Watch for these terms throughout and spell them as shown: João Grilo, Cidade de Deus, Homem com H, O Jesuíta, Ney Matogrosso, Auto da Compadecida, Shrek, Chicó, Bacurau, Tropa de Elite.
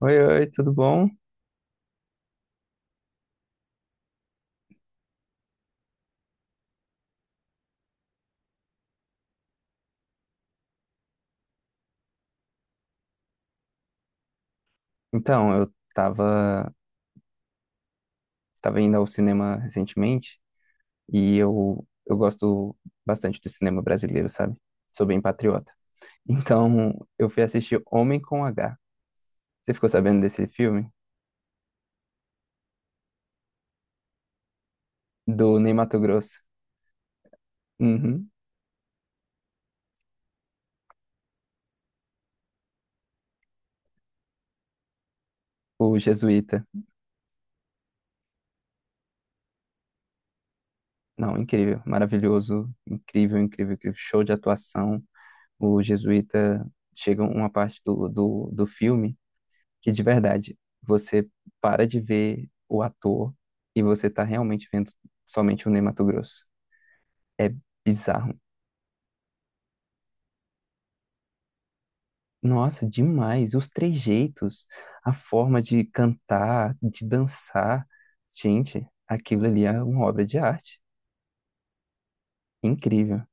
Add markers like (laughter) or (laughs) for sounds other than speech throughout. Oi, oi, tudo bom? Então, tava indo ao cinema recentemente e eu gosto bastante do cinema brasileiro, sabe? Sou bem patriota. (laughs) Então, eu fui assistir Homem com H. Você ficou sabendo desse filme? Do Ney Matogrosso. Uhum. O Jesuíta. Não, incrível, maravilhoso, incrível, incrível, incrível. Show de atuação. O Jesuíta chega uma parte do filme, que de verdade você para de ver o ator e você tá realmente vendo somente o Ney Matogrosso. É bizarro. Nossa, demais. Os trejeitos, a forma de cantar, de dançar. Gente, aquilo ali é uma obra de arte. Incrível.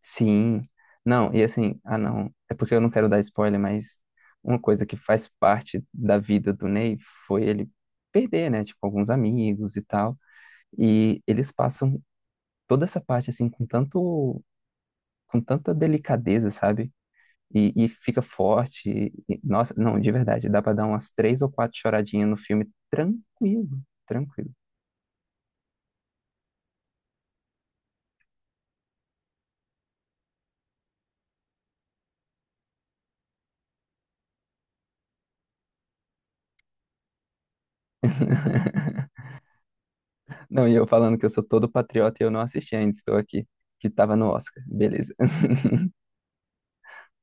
Sim. Não, e assim, ah não, é porque eu não quero dar spoiler, mas uma coisa que faz parte da vida do Ney foi ele perder, né, tipo, alguns amigos e tal. E eles passam toda essa parte assim com tanta delicadeza, sabe? E fica forte. Nossa, não, de verdade, dá pra dar umas três ou quatro choradinhas no filme, tranquilo, tranquilo. (laughs) Não, e eu falando que eu sou todo patriota e eu não assisti ainda, estou aqui, que tava no Oscar, beleza. (laughs)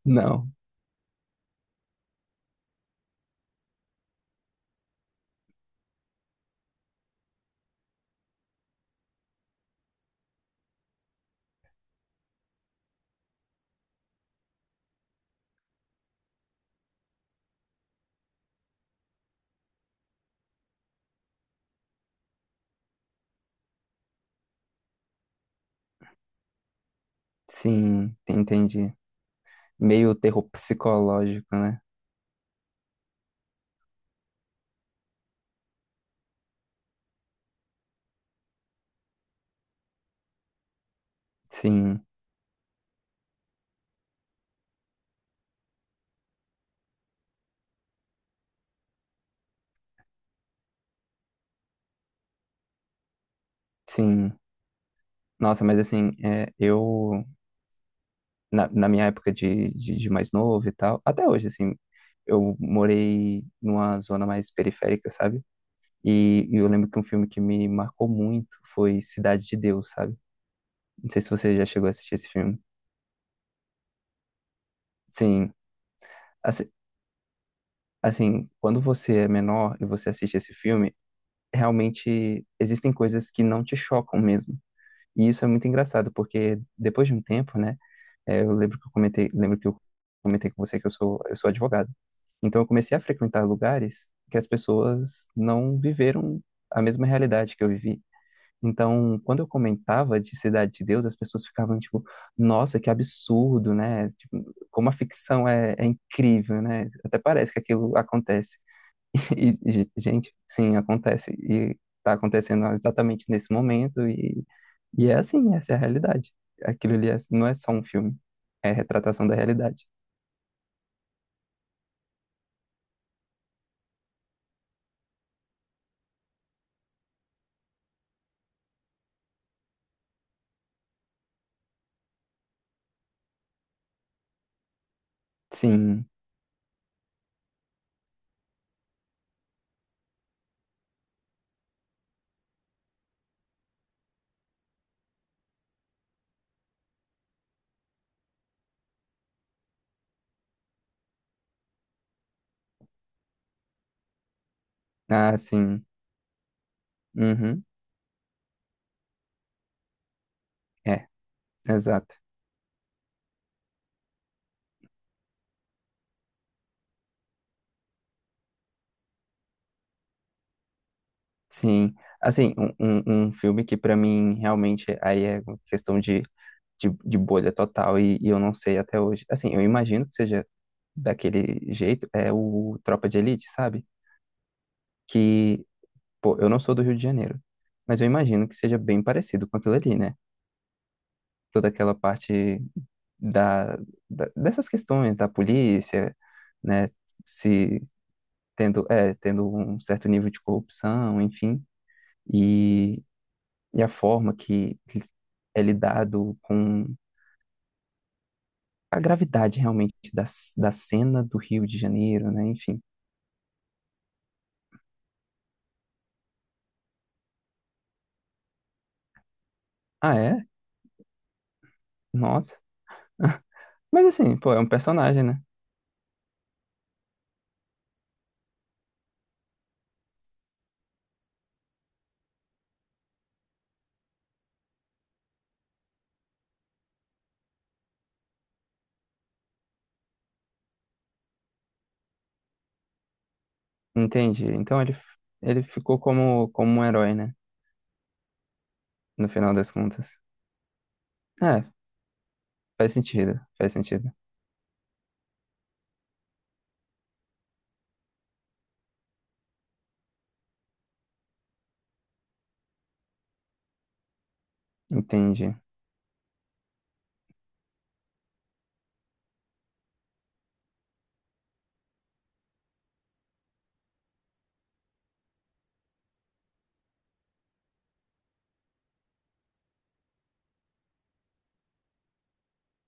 Não, sim, entendi. Meio terror psicológico, né? Sim, sim. Nossa, mas assim, é, eu na minha época de mais novo e tal, até hoje, assim, eu morei numa zona mais periférica, sabe? E eu lembro que um filme que me marcou muito foi Cidade de Deus, sabe? Não sei se você já chegou a assistir esse filme. Sim, assi- assim, quando você é menor e você assiste esse filme, realmente existem coisas que não te chocam mesmo. E isso é muito engraçado, porque depois de um tempo, né? É, eu lembro que eu comentei, lembro que eu comentei com você que eu sou advogado. Então eu comecei a frequentar lugares que as pessoas não viveram a mesma realidade que eu vivi. Então, quando eu comentava de Cidade de Deus, as pessoas ficavam tipo, nossa, que absurdo, né? Tipo, como a ficção é incrível, né? Até parece que aquilo acontece. (laughs) E, gente, sim, acontece. E tá acontecendo exatamente nesse momento. E é assim, essa é a realidade. Aquilo ali não é só um filme, é a retratação da realidade. Sim, ah, sim. Uhum. É, exato. Sim. Assim, um filme que pra mim realmente aí é uma questão de bolha total e eu não sei até hoje. Assim, eu imagino que seja daquele jeito, é o Tropa de Elite, sabe? Que pô, eu não sou do Rio de Janeiro, mas eu imagino que seja bem parecido com aquilo ali, né? Toda aquela parte da, dessas questões da polícia, né? Se Tendo, é, tendo um certo nível de corrupção, enfim, e, e a forma que é lidado com a gravidade realmente da cena do Rio de Janeiro, né? Enfim. Ah, é? Nossa. (laughs) Mas assim, pô, é um personagem, né? Entende? Então ele ficou como, como um herói, né? No final das contas. É, faz sentido, faz sentido. Entendi.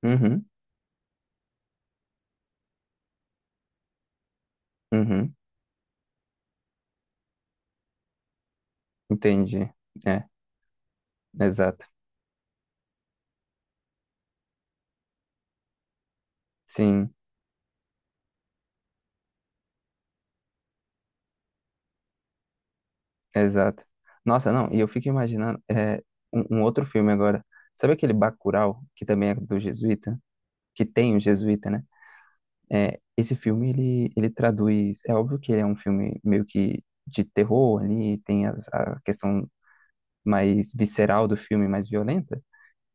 Uhum, uhum, entendi. É, exato. Sim, exato. Nossa, não, e eu fico imaginando é, um outro filme agora. Sabe aquele Bacurau, que também é do Jesuíta? Que tem o Jesuíta, né? É, esse filme, ele traduz... É óbvio que ele é um filme meio que de terror ali, tem a questão mais visceral do filme, mais violenta.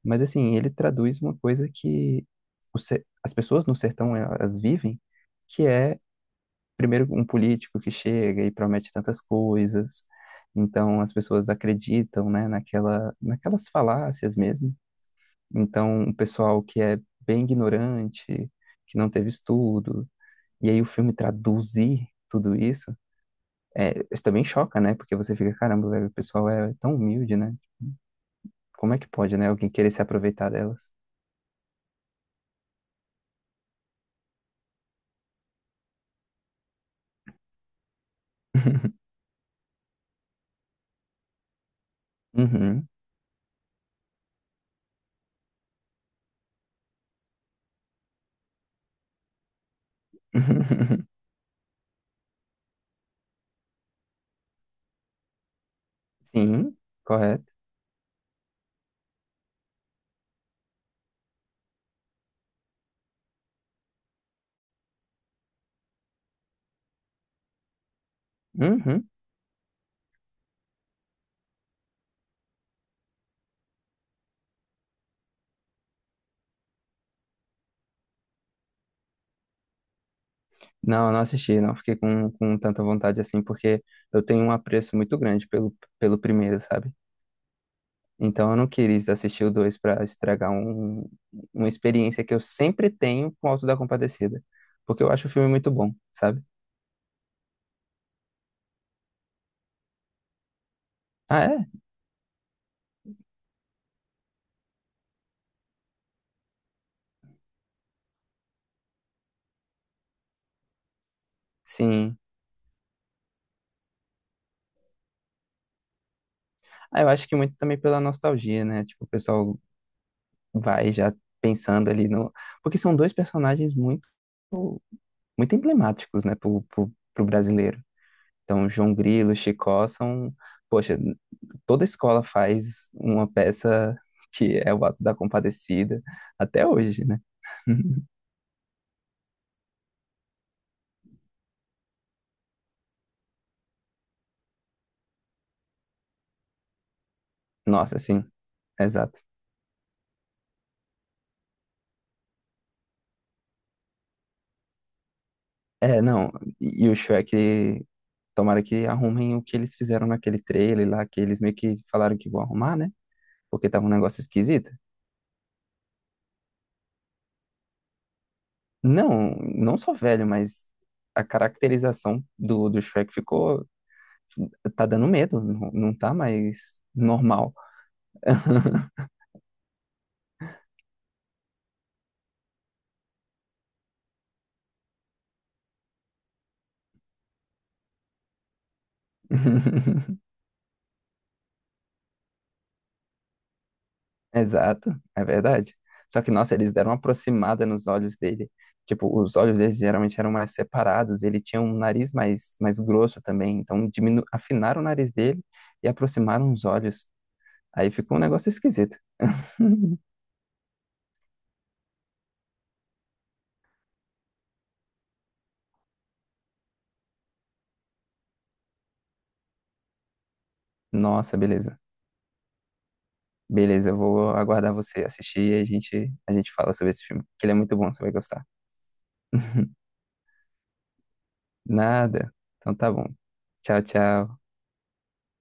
Mas assim, ele traduz uma coisa que as pessoas no sertão eh, elas vivem, que é primeiro um político que chega e promete tantas coisas. Então as pessoas acreditam, né, naquelas falácias mesmo. Então o pessoal que é bem ignorante, que não teve estudo, e aí o filme traduzir tudo isso, é, isso também choca, né? Porque você fica, caramba, velho, o pessoal é tão humilde, né? Como é que pode, né, alguém querer se aproveitar delas? (laughs) Uhum. (laughs) Sim, correto. Uhum. Não, eu não assisti, não fiquei com tanta vontade assim, porque eu tenho um apreço muito grande pelo primeiro, sabe? Então eu não quis assistir o dois pra estragar uma experiência que eu sempre tenho com o Auto da Compadecida, porque eu acho o filme muito bom, sabe? Ah, é? Sim. Ah, eu acho que muito também pela nostalgia, né? Tipo, o pessoal vai já pensando ali no. Porque são dois personagens muito, muito emblemáticos, né, pro brasileiro. Então, João Grilo, Chicó são, poxa, toda escola faz uma peça que é o Ato da Compadecida até hoje, né? (laughs) Nossa, sim, exato. É, não, e o Shrek, tomara que arrumem o que eles fizeram naquele trailer lá, que eles meio que falaram que vão arrumar, né? Porque tava um negócio esquisito. Não, não só velho, mas a caracterização do Shrek ficou, tá dando medo, não, não tá mais normal. (laughs) Exato, é verdade. Só que, nossa, eles deram uma aproximada nos olhos dele. Tipo, os olhos dele geralmente eram mais separados, ele tinha um nariz mais, mais grosso também, então diminu... afinaram o nariz dele e aproximaram os olhos. Aí ficou um negócio esquisito. (laughs) Nossa, beleza. Beleza, eu vou aguardar você assistir e a gente fala sobre esse filme, que ele é muito bom, você vai gostar. Nada. Então tá bom. Tchau, tchau.